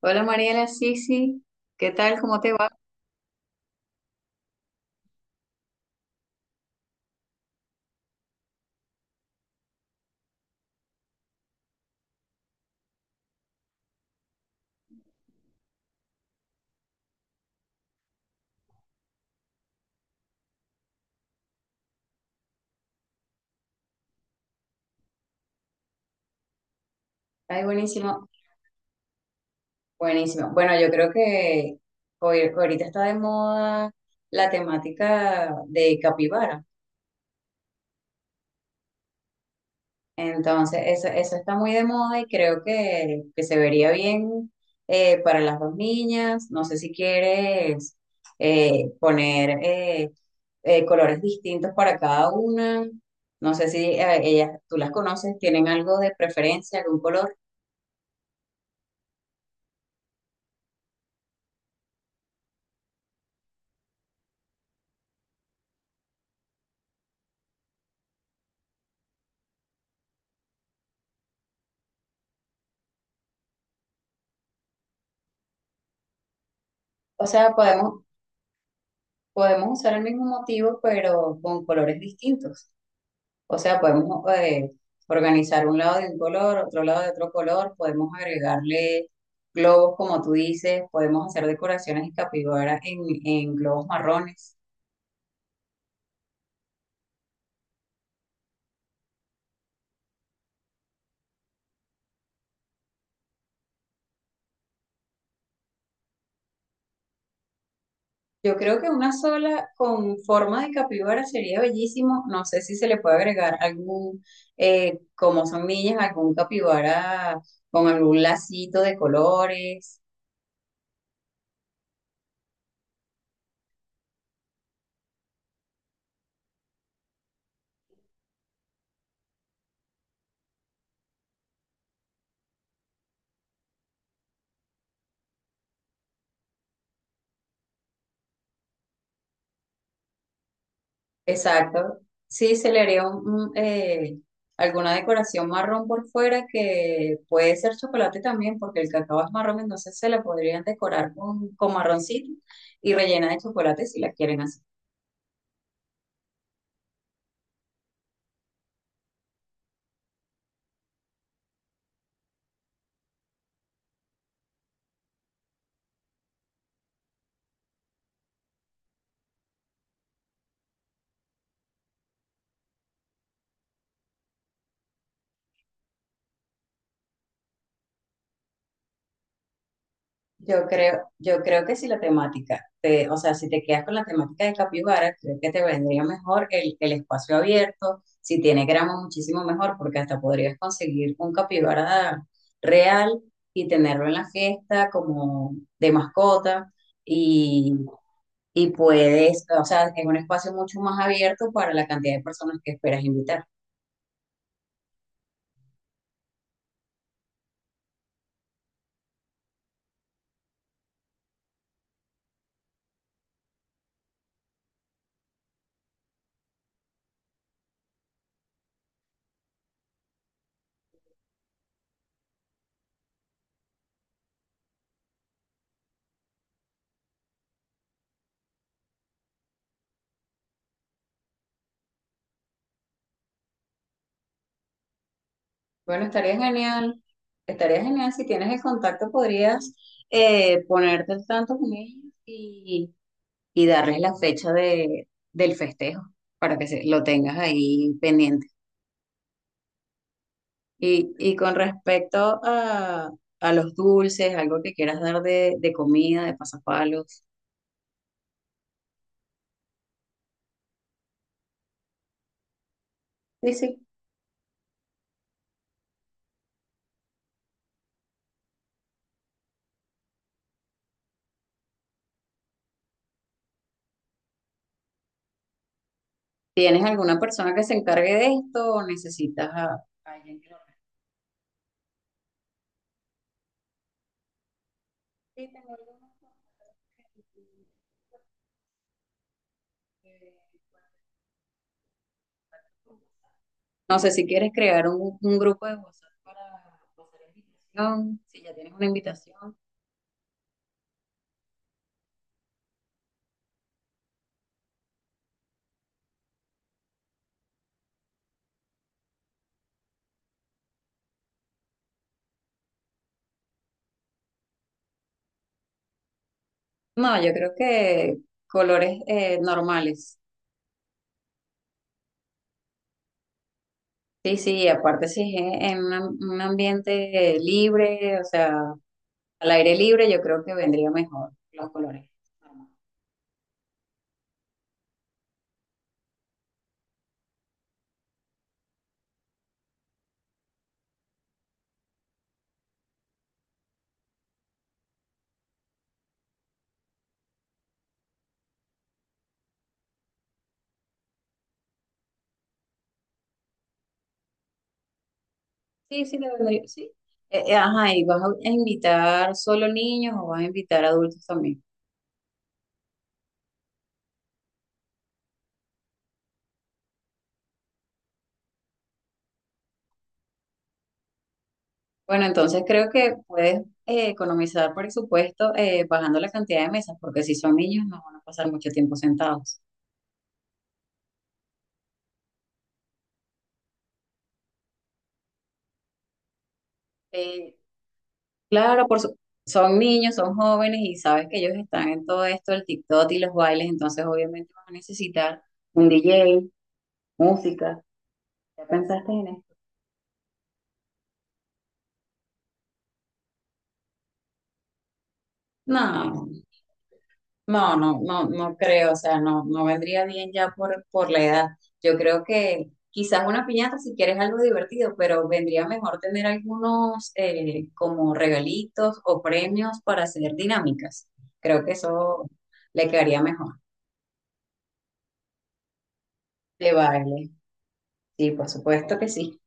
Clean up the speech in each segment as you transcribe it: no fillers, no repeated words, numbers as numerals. Hola Mariela, sí, sí. ¿Qué tal? ¿Cómo te va? Ay, buenísimo, buenísimo. Bueno, yo creo que hoy, ahorita está de moda la temática de capibara. Entonces, eso está muy de moda y creo que se vería bien para las dos niñas. No sé si quieres poner colores distintos para cada una. No sé si ellas, tú las conoces, tienen algo de preferencia, algún color. O sea, podemos, Podemos usar el mismo motivo, pero con colores distintos. O sea, podemos organizar un lado de un color, otro lado de otro color, podemos agregarle globos, como tú dices, podemos hacer decoraciones de capibara en globos marrones. Yo creo que una sola con forma de capibara sería bellísimo. No sé si se le puede agregar como son millas, algún capibara con algún lacito de colores. Exacto. Sí, se le haría un alguna decoración marrón por fuera que puede ser chocolate también, porque el cacao es marrón, entonces se la podrían decorar con marroncito y rellena de chocolate si la quieren hacer. Yo creo que si la temática, o sea, si te quedas con la temática de Capibara, creo que te vendría mejor el espacio abierto. Si tiene grama muchísimo mejor, porque hasta podrías conseguir un capibara real y tenerlo en la fiesta como de mascota y, y puedes, o sea, es un espacio mucho más abierto para la cantidad de personas que esperas invitar. Bueno, estaría genial si tienes el contacto, podrías ponerte al tanto con ellos. Y darles la fecha del festejo para lo tengas ahí pendiente. Y con respecto a los dulces, algo que quieras dar de comida, de pasapalos, sí, sí. ¿Tienes alguna persona que se encargue de esto o necesitas a alguien que lo haga? Sí, tengo algunos contactos. No sé si quieres crear un grupo de WhatsApp para hacer invitación, si ya tienes una invitación. No, yo creo que colores normales. Sí, sí, aparte si es en un ambiente libre, o sea, al aire libre, yo creo que vendría mejor los colores normales. Sí, sí, te vendría, sí. Ajá, ¿y vas a invitar solo niños o vas a invitar adultos también? Bueno, entonces creo que puedes economizar presupuesto bajando la cantidad de mesas, porque si son niños no van a pasar mucho tiempo sentados. Eh, Claro, son niños, son jóvenes y sabes que ellos están en todo esto, el TikTok y los bailes, entonces obviamente vas a necesitar un DJ, música. ¿Ya pensaste en esto? No, no, no, no, no creo, o sea, no, no vendría bien ya por la edad. Yo creo que quizás una piñata si quieres algo divertido, pero vendría mejor tener algunos como regalitos o premios para hacer dinámicas. Creo que eso le quedaría mejor. De baile, sí, por supuesto que sí.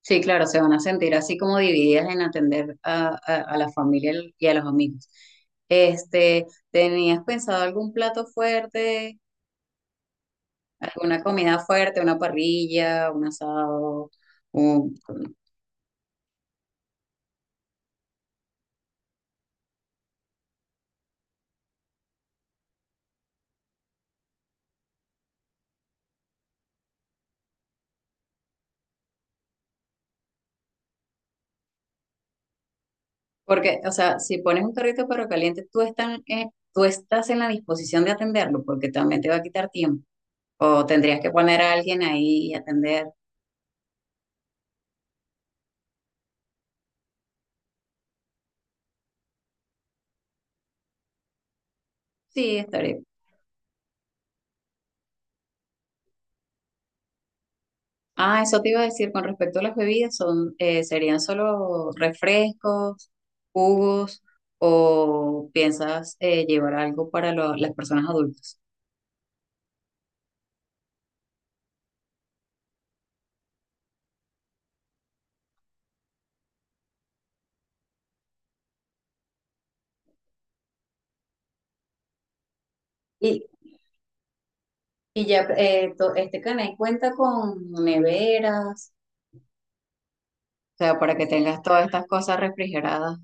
Sí, claro, se van a sentir así como divididas en atender a la familia y a los amigos. Este, ¿tenías pensado algún plato fuerte, alguna comida fuerte, una parrilla, un asado? un- Porque, o sea, si pones un carrito pero caliente, tú estás en la disposición de atenderlo, porque también te va a quitar tiempo. O tendrías que poner a alguien ahí y atender. Sí, estaría. Ah, eso te iba a decir con respecto a las bebidas, son, serían solo refrescos, jugos, o piensas llevar algo para las personas adultas. Y, y ya este canal cuenta con neveras, o sea, para que tengas todas estas cosas refrigeradas.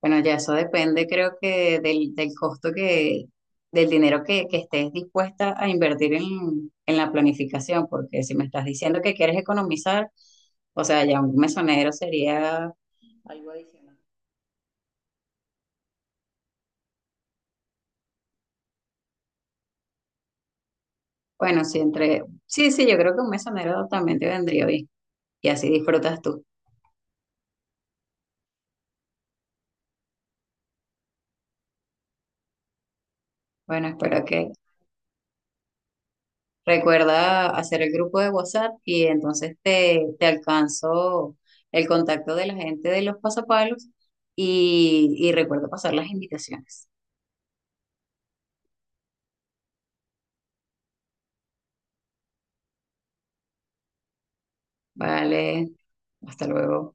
Bueno, ya eso depende, creo que del costo que, del dinero que estés dispuesta a invertir en la planificación, porque si me estás diciendo que quieres economizar, o sea, ya un mesonero sería algo adicional. Bueno, sí, sí, yo creo que un mesonero también te vendría bien y así disfrutas tú. Bueno, espero que. Recuerda hacer el grupo de WhatsApp y entonces te alcanzo el contacto de la gente de los pasapalos y recuerda pasar las invitaciones. Vale, hasta luego.